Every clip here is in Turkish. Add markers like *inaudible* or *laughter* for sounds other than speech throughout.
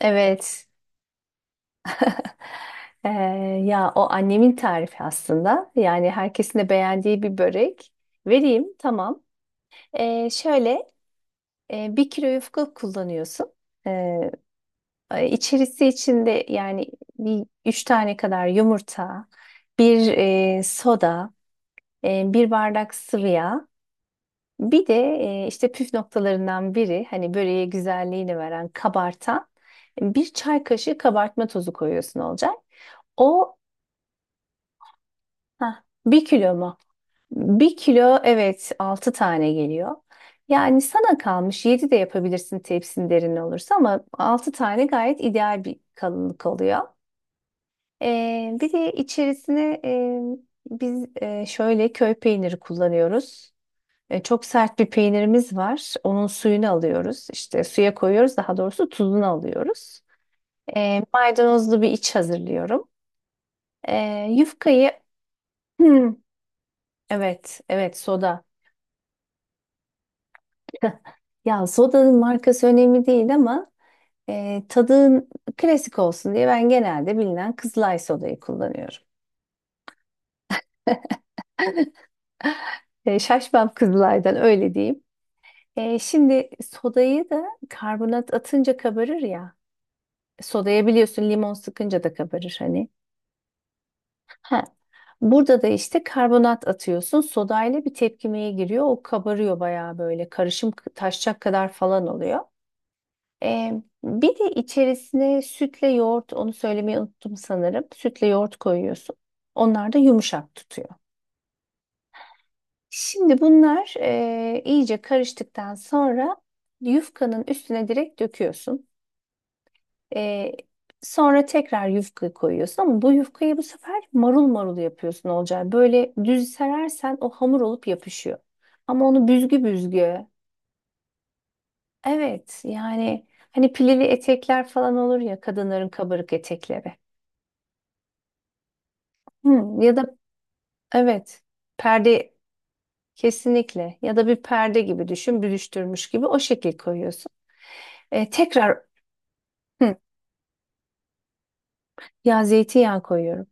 Evet. *laughs* Ee, Ya o annemin tarifi aslında. Yani herkesin de beğendiği bir börek. Vereyim, tamam. Şöyle bir kilo yufka kullanıyorsun. Ee, e, içerisi içinde yani bir üç tane kadar yumurta, bir soda, bir bardak sıvı yağ. Bir de işte püf noktalarından biri, hani böreğe güzelliğini veren, kabartan bir çay kaşığı kabartma tozu koyuyorsun olacak. O Heh, bir kilo mu? Bir kilo, evet, altı tane geliyor. Yani sana kalmış, yedi de yapabilirsin tepsin derin olursa, ama altı tane gayet ideal bir kalınlık oluyor. Bir de içerisine biz şöyle köy peyniri kullanıyoruz. Çok sert bir peynirimiz var. Onun suyunu alıyoruz. İşte suya koyuyoruz. Daha doğrusu tuzunu alıyoruz. Maydanozlu bir iç hazırlıyorum. E, yufkayı *clears throat* evet, evet, soda. *laughs* Ya, sodanın markası önemli değil, ama tadın klasik olsun diye ben genelde bilinen Kızılay sodayı kullanıyorum. *laughs* Şaşmam Kızılay'dan, öyle diyeyim. Şimdi sodayı da karbonat atınca kabarır ya. Sodaya, biliyorsun, limon sıkınca da kabarır hani. Ha. Burada da işte karbonat atıyorsun. Sodayla bir tepkimeye giriyor. O kabarıyor bayağı böyle. Karışım taşacak kadar falan oluyor. Bir de içerisine sütle yoğurt, onu söylemeyi unuttum sanırım. Sütle yoğurt koyuyorsun. Onlar da yumuşak tutuyor. Şimdi bunlar iyice karıştıktan sonra yufkanın üstüne direkt döküyorsun. Ee, Sonra tekrar yufkayı koyuyorsun, ama bu yufkayı bu sefer marul marul yapıyorsun, Olcay. Böyle düz serersen o hamur olup yapışıyor. Ama onu büzgü büzgü. Evet, yani hani pilili etekler falan olur ya, kadınların kabarık etekleri. Hı, ya da, evet, perde, kesinlikle, ya da bir perde gibi düşün, büdüştürmüş gibi o şekil koyuyorsun. E, tekrar Hı, ya zeytinyağı koyuyorum.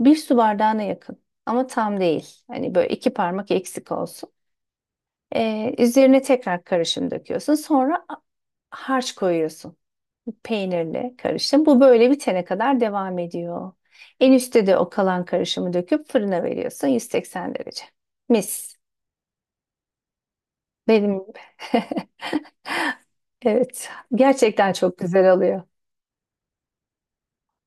Bir su bardağına yakın ama tam değil. Hani böyle iki parmak eksik olsun. Üzerine tekrar karışım döküyorsun. Sonra harç koyuyorsun. Peynirli karışım. Bu böyle bitene kadar devam ediyor. En üstte de o kalan karışımı döküp fırına veriyorsun, 180 derece. Mis. Benim gibi. *laughs* Evet, gerçekten çok güzel oluyor.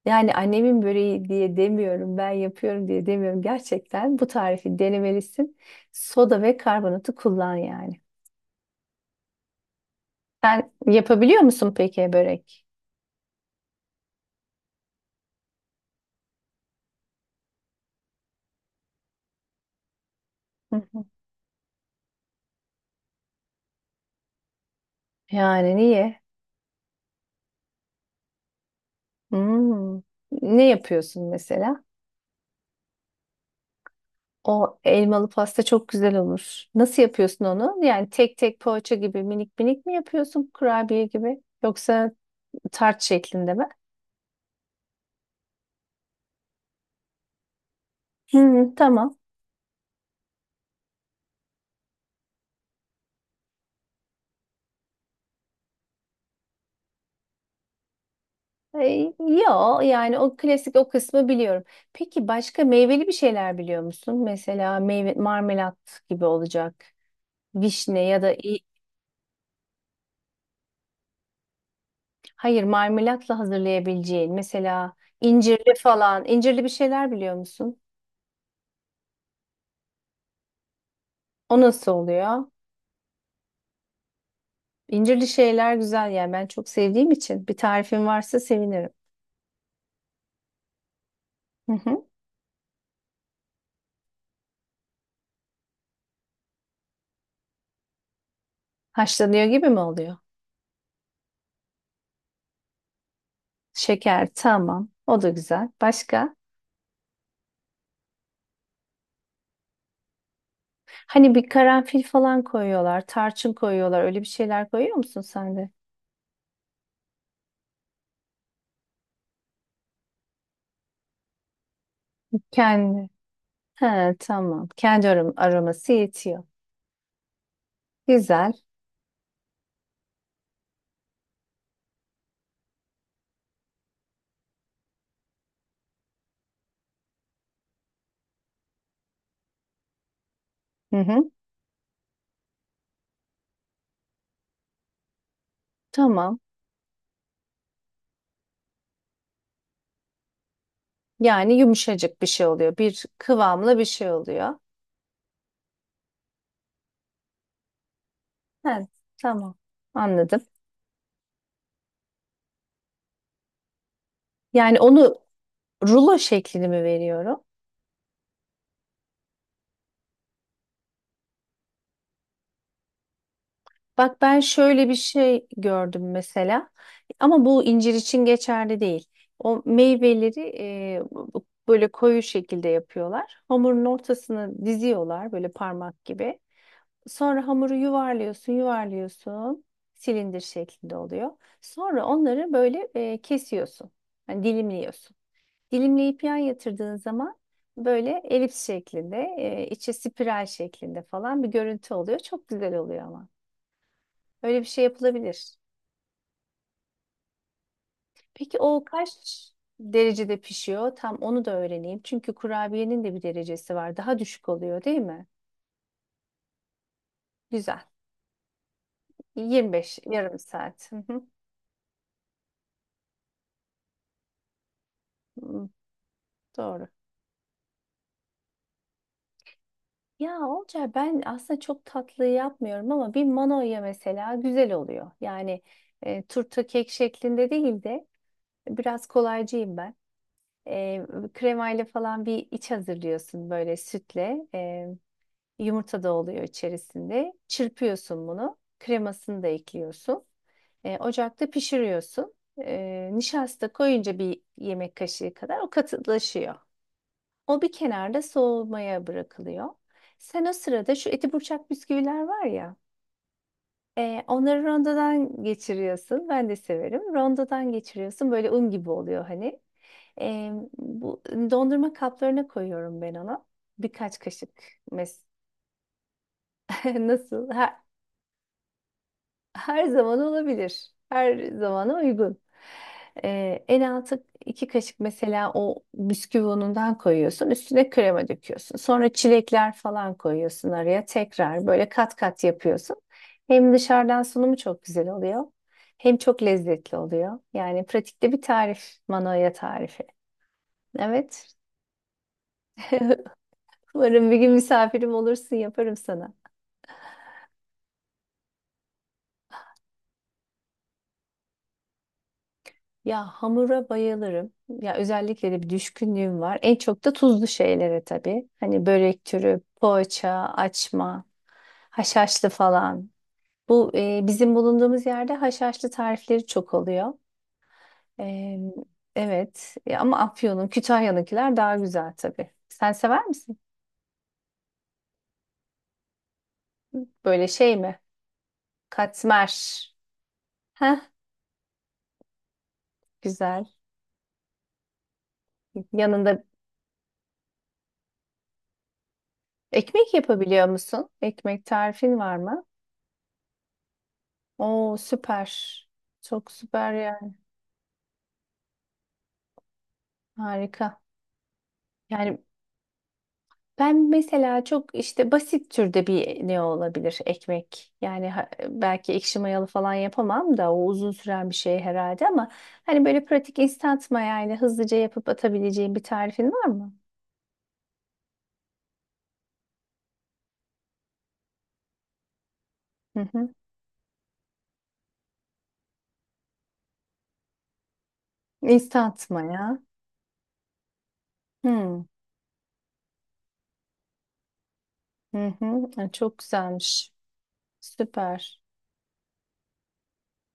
Yani annemin böreği diye demiyorum, ben yapıyorum diye demiyorum. Gerçekten bu tarifi denemelisin. Soda ve karbonatı kullan yani. Sen yapabiliyor musun peki börek? Hı hı. Yani niye? Hmm. Ne yapıyorsun mesela? O elmalı pasta çok güzel olur. Nasıl yapıyorsun onu? Yani tek tek poğaça gibi minik minik mi yapıyorsun, kurabiye gibi? Yoksa tart şeklinde mi? Hı, tamam. Yo, yani o klasik, o kısmı biliyorum. Peki başka meyveli bir şeyler biliyor musun? Mesela meyve marmelat gibi olacak. Vişne ya da hayır, marmelatla hazırlayabileceğin, mesela incirli falan, incirli bir şeyler biliyor musun? O nasıl oluyor? İncirli şeyler güzel yani, ben çok sevdiğim için bir tarifin varsa sevinirim. Hı hı. Haşlanıyor gibi mi oluyor? Şeker, tamam, o da güzel. Başka? Hani bir karanfil falan koyuyorlar, tarçın koyuyorlar. Öyle bir şeyler koyuyor musun sen de? Kendi. He, tamam. Kendi aroması yetiyor. Güzel. Hı hı. Tamam. Yani yumuşacık bir şey oluyor. Bir kıvamlı bir şey oluyor. He, tamam. Anladım. Yani onu rulo şeklini mi veriyorum? Bak, ben şöyle bir şey gördüm mesela, ama bu incir için geçerli değil. O meyveleri böyle koyu şekilde yapıyorlar. Hamurun ortasını diziyorlar böyle parmak gibi. Sonra hamuru yuvarlıyorsun, yuvarlıyorsun. Silindir şeklinde oluyor. Sonra onları böyle kesiyorsun. Yani dilimliyorsun. Dilimleyip yan yatırdığın zaman böyle elips şeklinde, içi spiral şeklinde falan bir görüntü oluyor. Çok güzel oluyor ama. Öyle bir şey yapılabilir. Peki o kaç derecede pişiyor? Tam onu da öğreneyim. Çünkü kurabiyenin de bir derecesi var. Daha düşük oluyor değil mi? Güzel. 25, yarım saat. Hı hı. Hı, doğru. Ya Olcay, ben aslında çok tatlı yapmıyorum ama bir manoya mesela güzel oluyor. Yani turta kek şeklinde değil de, biraz kolaycıyım ben. E, Kremayla falan bir iç hazırlıyorsun, böyle sütle. Yumurta da oluyor içerisinde. Çırpıyorsun bunu. Kremasını da ekliyorsun. Ocakta pişiriyorsun. Nişasta koyunca bir yemek kaşığı kadar o katılaşıyor. O bir kenarda soğumaya bırakılıyor. Sen o sırada şu eti burçak bisküviler var ya. Onları rondodan geçiriyorsun. Ben de severim. Rondodan geçiriyorsun. Böyle un gibi oluyor hani. E, Bu dondurma kaplarına koyuyorum ben onu. Birkaç kaşık mes *laughs* nasıl? Ha, her zaman olabilir. Her zamana uygun. En altı iki kaşık mesela, o bisküvi unundan koyuyorsun. Üstüne krema döküyorsun. Sonra çilekler falan koyuyorsun araya. Tekrar böyle kat kat yapıyorsun. Hem dışarıdan sunumu çok güzel oluyor. Hem çok lezzetli oluyor. Yani pratikte bir tarif. Manoya tarifi. Evet. *laughs* Umarım bir gün misafirim olursun. Yaparım sana. Ya, hamura bayılırım. Ya özellikle de bir düşkünlüğüm var. En çok da tuzlu şeylere tabii. Hani börek türü, poğaça, açma, haşhaşlı falan. Bu bizim bulunduğumuz yerde haşhaşlı tarifleri çok oluyor. E, evet. Ama Afyon'un, Kütahya'nınkiler daha güzel tabii. Sen sever misin? Böyle şey mi? Katmer. Heh, güzel. Yanında ekmek yapabiliyor musun? Ekmek tarifin var mı? Oo, süper. Çok süper yani. Harika. Yani ben mesela çok işte basit türde bir ne olabilir ekmek. Yani belki ekşi mayalı falan yapamam da, o uzun süren bir şey herhalde, ama hani böyle pratik instant mayayla hızlıca yapıp atabileceğim bir tarifin var mı? Hı hı. Instant maya. Hı. Hı hı. Ay, çok güzelmiş. Süper.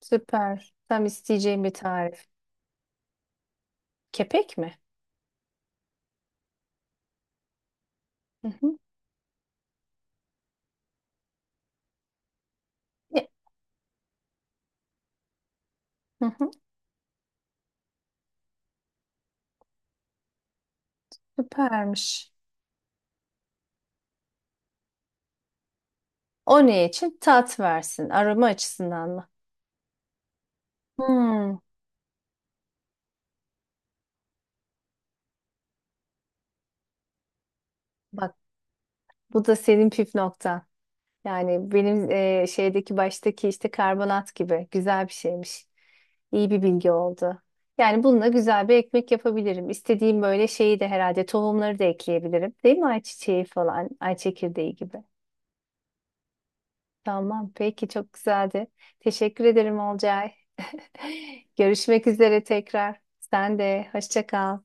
Süper. Tam isteyeceğim bir tarif. Kepek mi? Hı hı. Ya- Hı hı. Süpermiş. O ne için? Tat versin. Aroma açısından mı? Hmm, bak, bu da senin püf noktan. Yani benim şeydeki baştaki işte karbonat gibi güzel bir şeymiş. İyi bir bilgi oldu. Yani bununla güzel bir ekmek yapabilirim. İstediğim böyle şeyi de herhalde tohumları da ekleyebilirim. Değil mi? Ayçiçeği falan, ay çekirdeği gibi. Tamam, peki, çok güzeldi. Teşekkür ederim, Olcay. *laughs* Görüşmek üzere tekrar. Sen de hoşça kal.